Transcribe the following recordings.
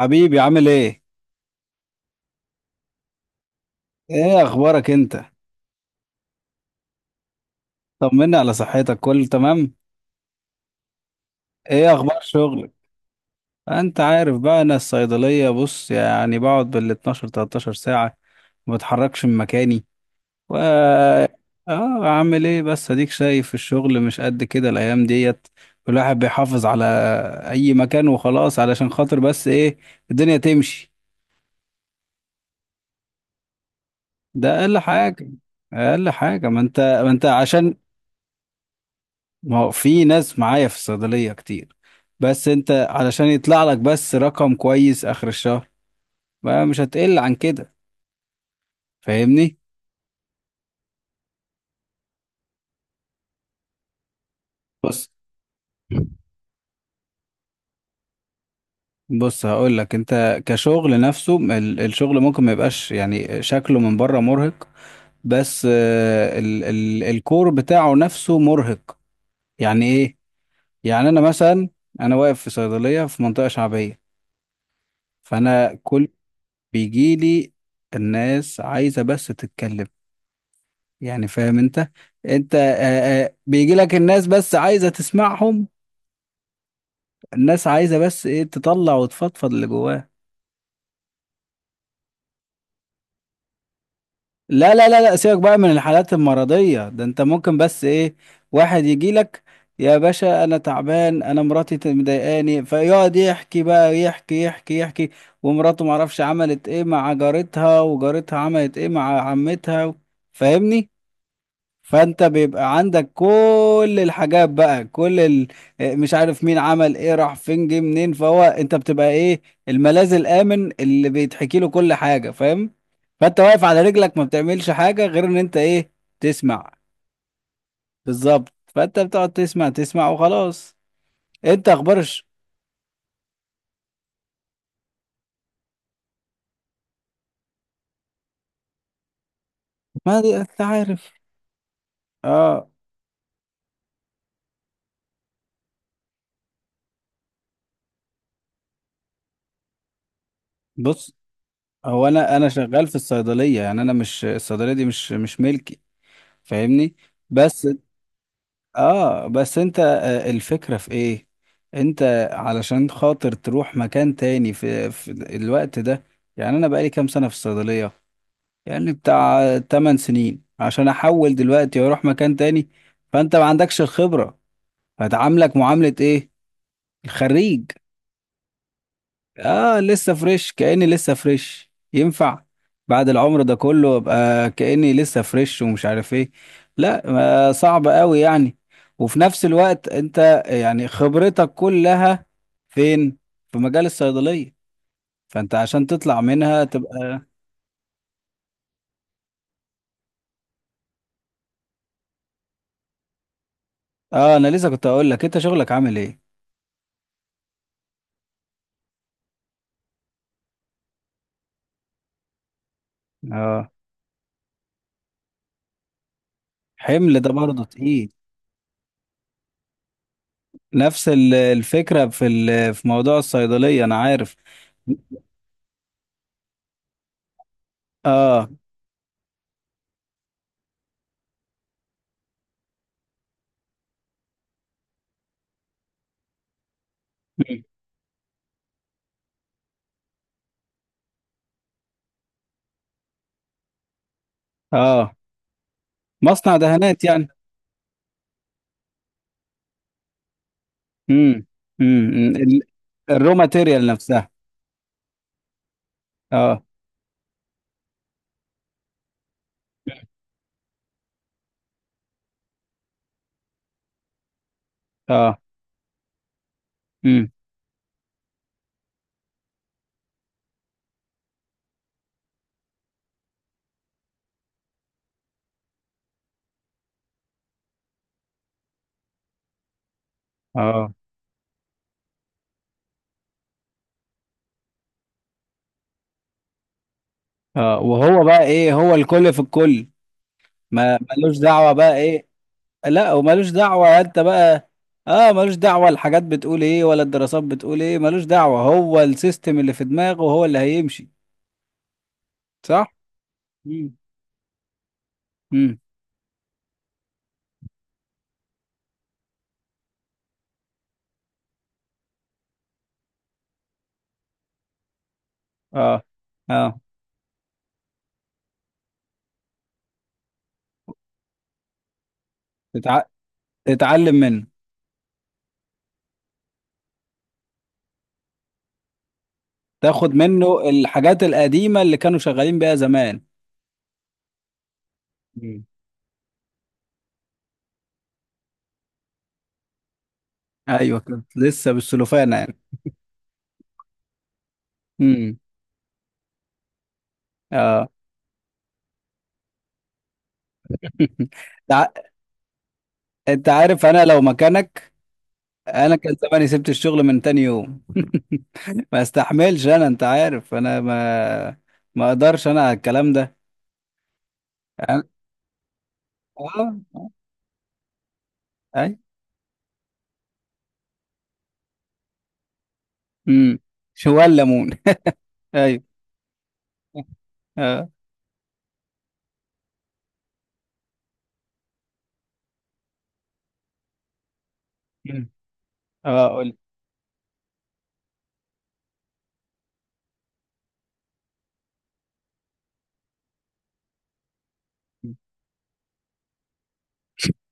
حبيبي عامل ايه؟ ايه اخبارك انت؟ طمنا على صحتك، كله تمام؟ ايه اخبار شغلك؟ انت عارف بقى، انا الصيدلية بص يعني بقعد بال 12 13 ساعة، ما بتحركش من مكاني. و عامل ايه؟ بس اديك شايف الشغل مش قد كده الايام ديت. الواحد بيحافظ على اي مكان وخلاص، علشان خاطر بس ايه، الدنيا تمشي. ده اقل حاجة. اقل حاجة، ما انت عشان، ما هو في ناس معايا في الصيدلية كتير، بس انت علشان يطلع لك بس رقم كويس اخر الشهر، بقى مش هتقل عن كده. فاهمني؟ بس بص هقول لك، انت كشغل نفسه، الشغل ممكن ما يبقاش يعني شكله من بره مرهق، بس ال ال الكور بتاعه نفسه مرهق. يعني ايه؟ يعني انا مثلا، انا واقف في صيدلية في منطقة شعبية، فانا كل... بيجيلي الناس عايزة بس تتكلم، يعني فاهم انت؟ انت بيجي لك الناس بس عايزه تسمعهم. الناس عايزه بس ايه، تطلع وتفضفض اللي جواها. لا لا لا لا، سيبك بقى من الحالات المرضيه ده، انت ممكن بس ايه، واحد يجي لك يا باشا انا تعبان، انا مراتي مضايقاني، فيقعد يحكي بقى، يحكي يحكي يحكي. ومراته معرفش عملت ايه مع جارتها، وجارتها عملت ايه مع عمتها. فاهمني؟ فانت بيبقى عندك كل الحاجات بقى، كل ال... مش عارف مين عمل ايه، راح فين، جه منين. فهو انت بتبقى ايه، الملاذ الامن اللي بيتحكي له كل حاجه. فاهم؟ فانت واقف على رجلك، ما بتعملش حاجه غير ان انت ايه، تسمع. بالظبط، فانت بتقعد تسمع تسمع وخلاص. انت اخبارش؟ ما دي انت عارف. اه، بص، هو انا شغال في الصيدليه، يعني انا مش الصيدليه دي مش ملكي. فاهمني؟ بس اه بس انت الفكرة في ايه؟ انت علشان خاطر تروح مكان تاني في الوقت ده؟ يعني انا بقالي كام سنة في الصيدلية، يعني بتاع 8 سنين. عشان احول دلوقتي واروح مكان تاني، فانت ما عندكش الخبرة. هتعاملك معاملة ايه، الخريج؟ اه، لسه فريش، كأني لسه فريش، ينفع؟ بعد العمر ده كله ابقى كأني لسه فريش ومش عارف ايه؟ لا، صعب قوي يعني. وفي نفس الوقت انت يعني خبرتك كلها فين؟ في مجال الصيدلية. فانت عشان تطلع منها تبقى... اه، انا لسه كنت اقول لك انت شغلك عامل ايه. اه، حمل ده برضه تقيل. نفس الفكرة في في موضوع الصيدلية، انا عارف. اه، اه، مصنع دهانات يعني. امم، امم، الرو ماتيريال نفسها. اه، اه، امم، اه، اه، وهو بقى ايه؟ هو الكل في الكل. ما ملوش دعوة بقى ايه. لا، وملوش دعوة انت بقى. اه، ملوش دعوة الحاجات بتقول ايه، ولا الدراسات بتقول ايه. ملوش دعوة، هو السيستم اللي في دماغه هو اللي هيمشي. صح. امم. امم. اه. اه. تتع... تتعلم منه. تاخد منه الحاجات القديمة اللي كانوا شغالين بيها زمان. مم. ايوه، كنت لسه بالسلوفانة يعني. اه. تع- انت عارف انا لو مكانك، انا كان زماني سبت الشغل من تاني يوم. ما استحملش انا. انت عارف انا ما اقدرش انا على الكلام ده. انا، اه، آه، اي. امم. شو الليمون. ايوه. اه. مم. اه، قول.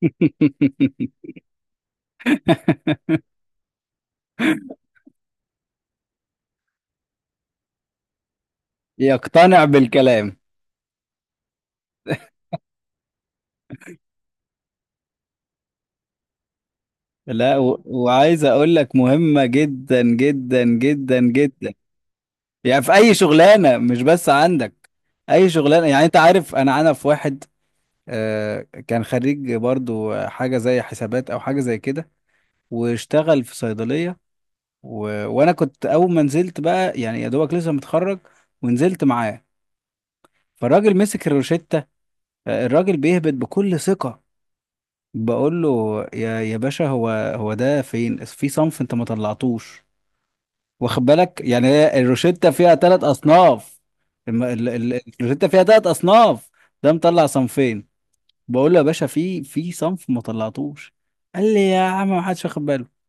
يقتنع بالكلام. لا، و... وعايز اقول لك مهمة جدا جدا جدا جدا. يعني في اي شغلانة، مش بس عندك، اي شغلانة. يعني انت عارف، انا في واحد آه، كان خريج برضو حاجة زي حسابات أو حاجة زي كده، واشتغل في صيدلية. و... وأنا كنت أول ما نزلت بقى، يعني يا دوبك لسه متخرج، ونزلت معاه. فالراجل مسك الروشتة الراجل بيهبط بكل ثقة. بقول له يا باشا، هو ده فين؟ في صنف أنت ما طلعتوش. واخد بالك؟ يعني هي الروشتة فيها ثلاث أصناف. الروشتة فيها ثلاث أصناف. ده مطلع صنفين. بقول له يا باشا، في صنف ما طلعتوش. قال لي يا عم، ما حدش واخد باله.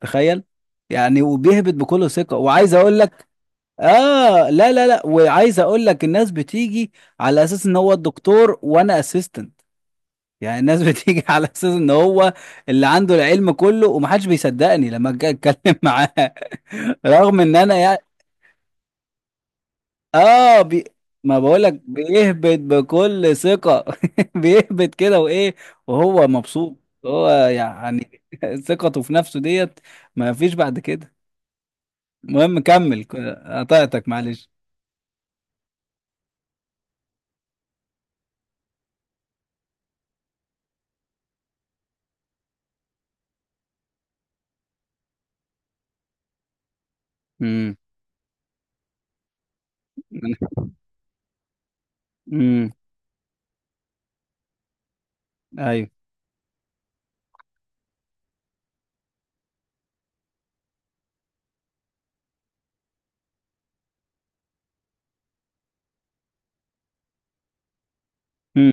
تخيل. يعني وبيهبط بكل ثقة، وعايز اقول لك، اه، لا لا لا، وعايز اقول لك، الناس بتيجي على اساس ان هو الدكتور وانا اسيستنت. يعني الناس بتيجي على اساس ان هو اللي عنده العلم كله، ومحدش بيصدقني لما اجي اتكلم معاه، رغم ان انا. اه، ما بقولك بيهبط بكل ثقة. بيهبط كده وايه، وهو مبسوط. هو يعني ثقته في نفسه ديت، ما فيش بعد كده. المهم كمل. قطعتك معلش. امم. امم. ايوه. امم.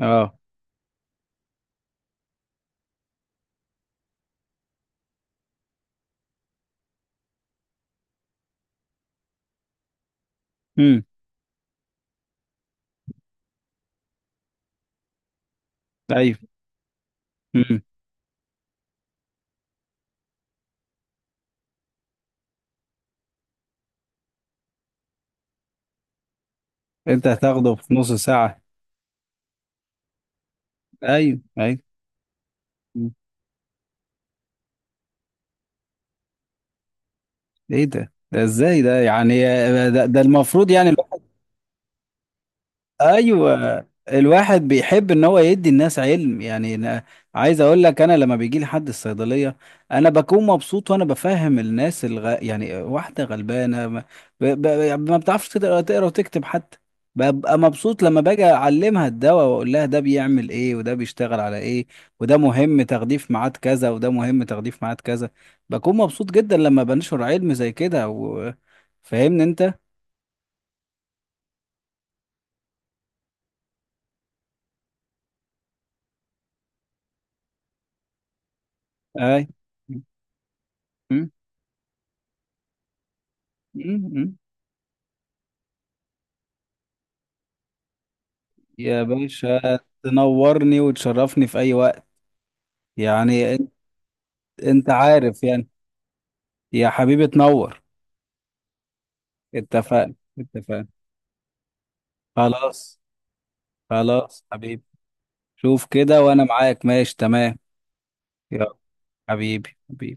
اه. امم. ايوه. امم. انت هتاخده في نص ساعة. ايوه، ايوه. مم. ايه ده؟ ده ازاي ده يعني؟ ده المفروض يعني. ايوه، الواحد بيحب ان هو يدي الناس علم. يعني أنا عايز اقول لك، انا لما بيجي لي حد الصيدليه، انا بكون مبسوط. وانا بفهم الناس، يعني واحده غلبانه ما, ب... ب... ما بتعرفش تقرا وتكتب حتى. ببقى مبسوط لما باجي اعلمها الدواء، واقول لها ده بيعمل ايه وده بيشتغل على ايه، وده مهم تغليف ميعاد كذا وده مهم تغليف ميعاد كذا. بكون مبسوط جدا لما بنشر علم زي كده. و... فاهمني انت؟ اي. م- م- م- يا باشا تنورني وتشرفني في أي وقت. يعني أنت، أنت عارف يعني. يا حبيبي تنور. اتفقنا، اتفقنا. خلاص. خلاص حبيبي. شوف كده وأنا معاك، ماشي تمام. يلا. حبيبي، حبيبي.